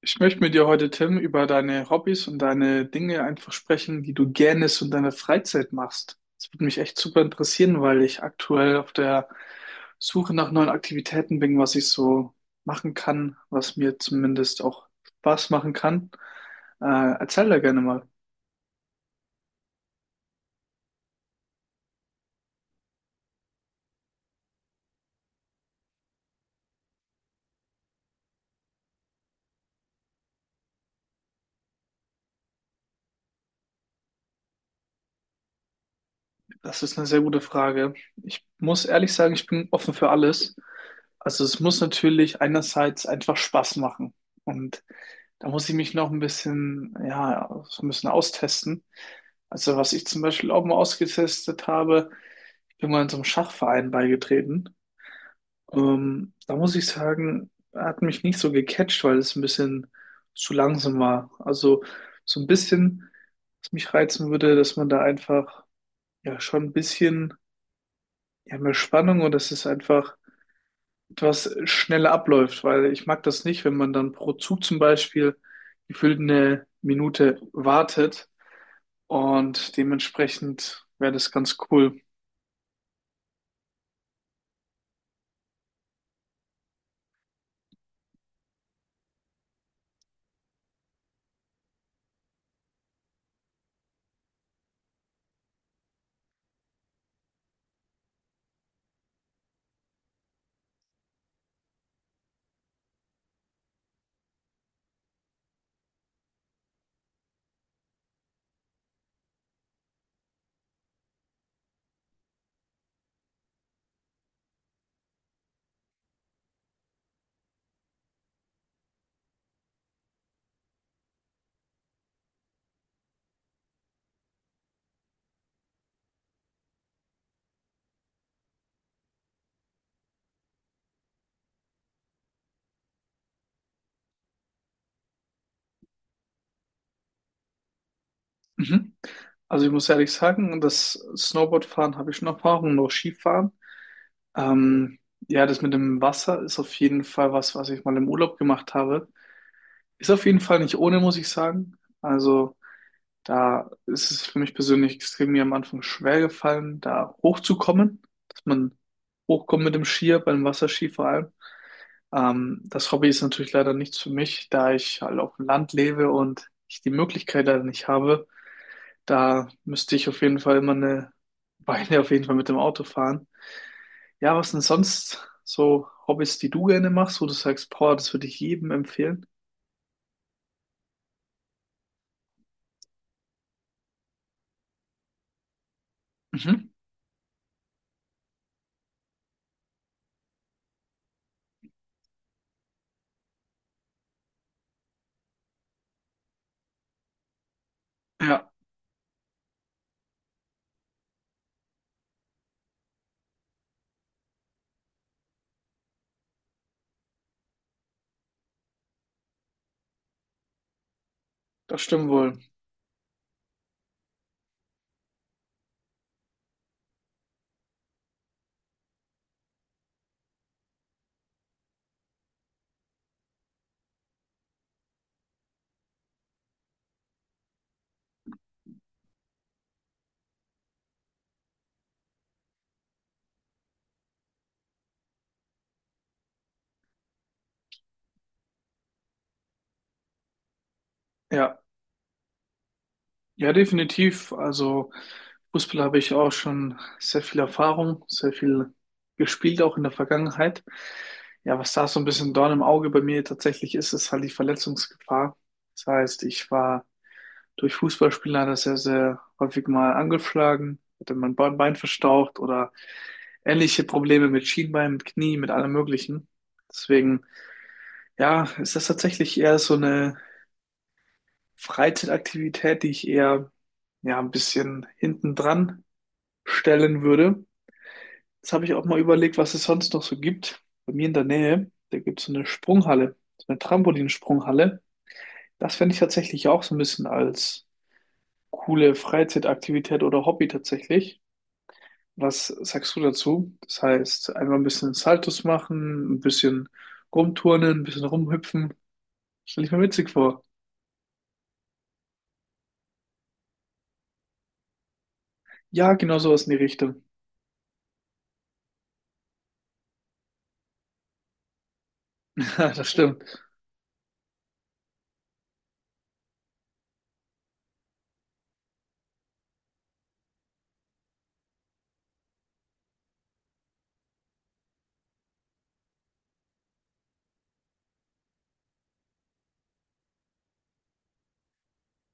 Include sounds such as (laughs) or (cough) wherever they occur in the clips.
Ich möchte mit dir heute, Tim, über deine Hobbys und deine Dinge einfach sprechen, die du gerne so in deiner Freizeit machst. Das würde mich echt super interessieren, weil ich aktuell auf der Suche nach neuen Aktivitäten bin, was ich so machen kann, was mir zumindest auch Spaß machen kann. Äh, Erzähl da gerne mal. Das ist eine sehr gute Frage. Ich muss ehrlich sagen, ich bin offen für alles. Also es muss natürlich einerseits einfach Spaß machen. Und da muss ich mich noch ein bisschen, ja, so ein bisschen austesten. Also was ich zum Beispiel auch mal ausgetestet habe, ich bin mal in so einem Schachverein beigetreten. Da muss ich sagen, hat mich nicht so gecatcht, weil es ein bisschen zu langsam war. Also so ein bisschen, was mich reizen würde, dass man da einfach ja schon ein bisschen ja, mehr Spannung und dass es einfach etwas schneller abläuft, weil ich mag das nicht, wenn man dann pro Zug zum Beispiel gefühlt 1 Minute wartet. Und dementsprechend wäre das ganz cool. Mhm. Also ich muss ehrlich sagen, das Snowboardfahren habe ich schon Erfahrung, noch Skifahren. Ähm, ja, das mit dem Wasser ist auf jeden Fall was, was ich mal im Urlaub gemacht habe. Ist auf jeden Fall nicht ohne, muss ich sagen. Also da ist es für mich persönlich extrem mir am Anfang schwer gefallen, da hochzukommen, dass man hochkommt mit dem Skier, beim Wasserski vor allem. Das Hobby ist natürlich leider nichts für mich, da ich halt auf dem Land lebe und ich die Möglichkeit leider nicht habe. Da müsste ich auf jeden Fall immer eine (laughs) Weile auf jeden Fall mit dem Auto fahren. Ja, was denn sonst so Hobbys, die du gerne machst, wo du sagst, boah, das würde ich jedem empfehlen? Mhm. Ja, das stimmt wohl. Ja. Ja, definitiv. Also Fußball habe ich auch schon sehr viel Erfahrung, sehr viel gespielt, auch in der Vergangenheit. Ja, was da so ein bisschen Dorn im Auge bei mir tatsächlich ist, ist halt die Verletzungsgefahr. Das heißt, ich war durch Fußballspielen leider sehr, sehr häufig mal angeschlagen, hatte mein Bein verstaucht oder ähnliche Probleme mit Schienbein, mit Knie, mit allem Möglichen. Deswegen, ja, ist das tatsächlich eher so eine Freizeitaktivität, die ich eher ja ein bisschen hinten dran stellen würde. Jetzt habe ich auch mal überlegt, was es sonst noch so gibt. Bei mir in der Nähe, da gibt es so eine Sprunghalle, so eine Trampolinsprunghalle. Das fände ich tatsächlich auch so ein bisschen als coole Freizeitaktivität oder Hobby tatsächlich. Was sagst du dazu? Das heißt, einmal ein bisschen Saltos machen, ein bisschen rumturnen, ein bisschen rumhüpfen. Stelle ich mir witzig vor. Ja, genau sowas in die Richtung. (laughs) Ja, das stimmt.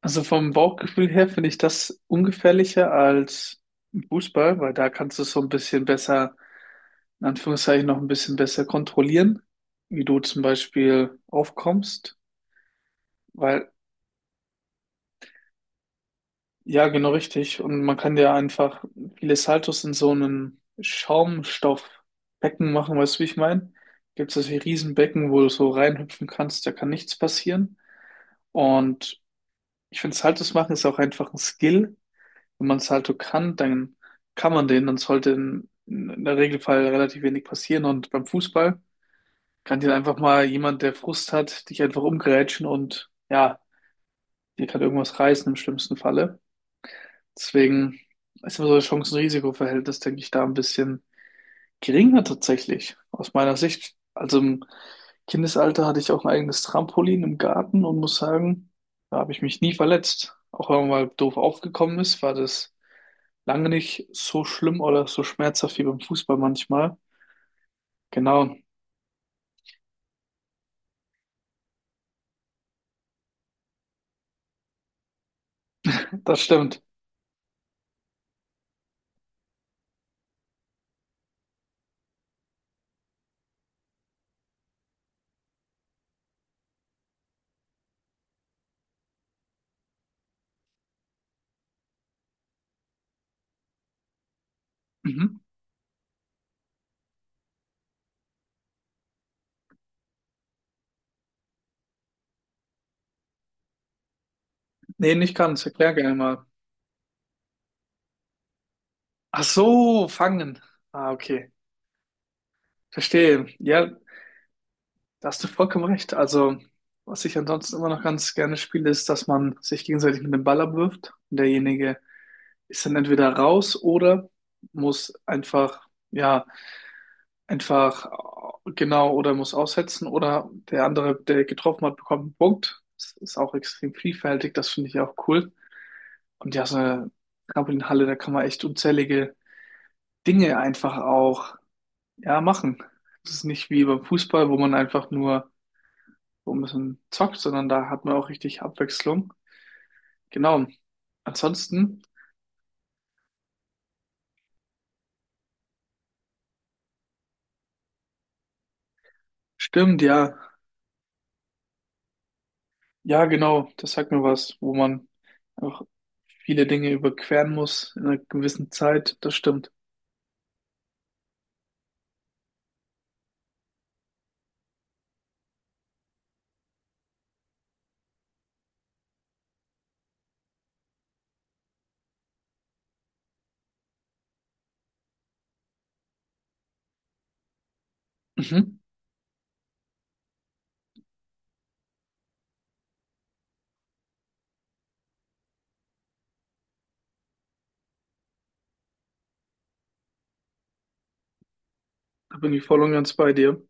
Also vom Bauchgefühl her finde ich das ungefährlicher als Fußball, weil da kannst du es so ein bisschen besser, in Anführungszeichen noch ein bisschen besser kontrollieren, wie du zum Beispiel aufkommst, weil ja, genau richtig. Und man kann ja einfach viele Saltos in so einem Schaumstoffbecken machen, weißt du, wie ich meine? Gibt es solche Riesenbecken, wo du so reinhüpfen kannst, da kann nichts passieren. Und ich finde, Saltos machen ist auch einfach ein Skill, wenn man es halt so kann, dann kann man den, dann sollte in der Regelfall relativ wenig passieren. Und beim Fußball kann dir einfach mal jemand, der Frust hat, dich einfach umgrätschen und ja, dir kann irgendwas reißen im schlimmsten Falle. Deswegen ist immer so das Chancen-Risiko-Verhältnis, denke ich, da ein bisschen geringer tatsächlich, aus meiner Sicht. Also im Kindesalter hatte ich auch ein eigenes Trampolin im Garten und muss sagen, da habe ich mich nie verletzt. Auch wenn man mal doof aufgekommen ist, war das lange nicht so schlimm oder so schmerzhaft wie beim Fußball manchmal. Genau, das stimmt. Mhm. Nee, nicht ganz. Erklär gerne mal. Ach so, fangen. Ah, okay. Verstehe. Ja, da hast du vollkommen recht. Also, was ich ansonsten immer noch ganz gerne spiele, ist, dass man sich gegenseitig mit dem Ball abwirft. Und derjenige ist dann entweder raus oder muss einfach, ja, einfach genau oder muss aussetzen oder der andere, der getroffen hat, bekommt einen Punkt. Das ist auch extrem vielfältig, das finde ich auch cool. Und ja, so eine Trampolinhalle, da kann man echt unzählige Dinge einfach auch ja machen. Das ist nicht wie beim Fußball, wo man einfach nur so ein bisschen zockt, sondern da hat man auch richtig Abwechslung. Genau. Ansonsten stimmt, ja. Ja, genau, das sagt mir was, wo man auch viele Dinge überqueren muss in einer gewissen Zeit. Das stimmt. Mhm. Da bin ich voll und ganz bei dir.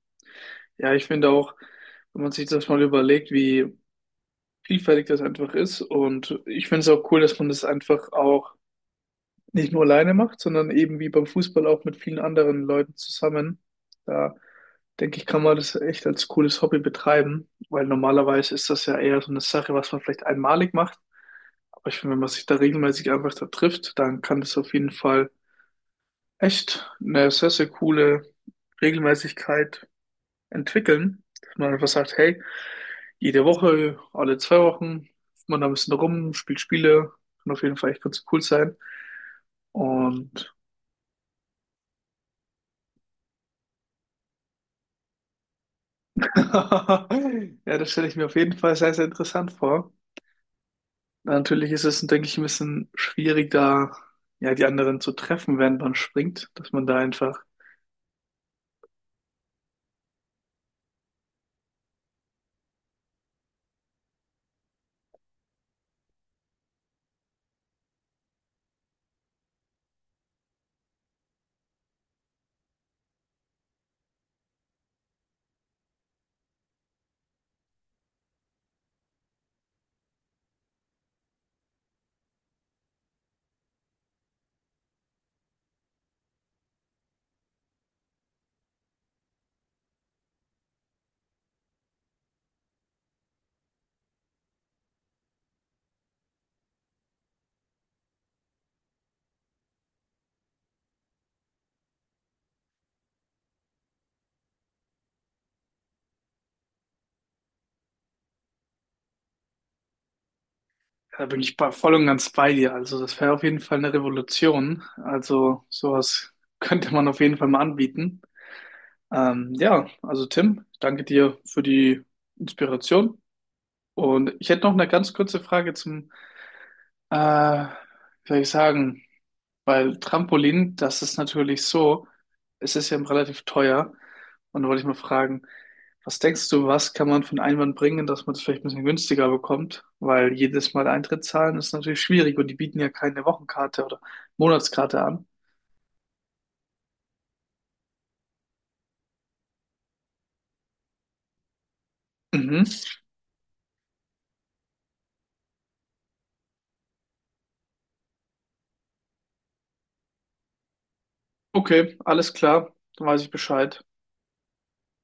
Ja, ich finde auch, wenn man sich das mal überlegt, wie vielfältig das einfach ist. Und ich finde es auch cool, dass man das einfach auch nicht nur alleine macht, sondern eben wie beim Fußball auch mit vielen anderen Leuten zusammen. Da denke ich, kann man das echt als cooles Hobby betreiben, weil normalerweise ist das ja eher so eine Sache, was man vielleicht einmalig macht. Aber ich finde, wenn man sich da regelmäßig einfach da trifft, dann kann das auf jeden Fall echt eine sehr, sehr coole Regelmäßigkeit entwickeln, dass man einfach sagt, hey, jede Woche, alle 2 Wochen, hüpft man da ein bisschen rum, spielt Spiele, kann auf jeden Fall echt ganz cool sein. Und (laughs) ja, das stelle ich mir auf jeden Fall sehr, sehr interessant vor. Natürlich ist es, denke ich, ein bisschen schwierig, da ja die anderen zu treffen, während man springt, dass man da einfach, ja, da bin ich voll und ganz bei dir. Also das wäre auf jeden Fall eine Revolution. Also sowas könnte man auf jeden Fall mal anbieten. Ja, also Tim, danke dir für die Inspiration. Und ich hätte noch eine ganz kurze Frage zum, äh, wie soll ich sagen, weil Trampolin, das ist natürlich so, es ist ja relativ teuer. Und da wollte ich mal fragen, was denkst du, was kann man für einen Einwand bringen, dass man das vielleicht ein bisschen günstiger bekommt? Weil jedes Mal Eintritt zahlen ist natürlich schwierig und die bieten ja keine Wochenkarte oder Monatskarte an. Mhm. Okay, alles klar, dann weiß ich Bescheid.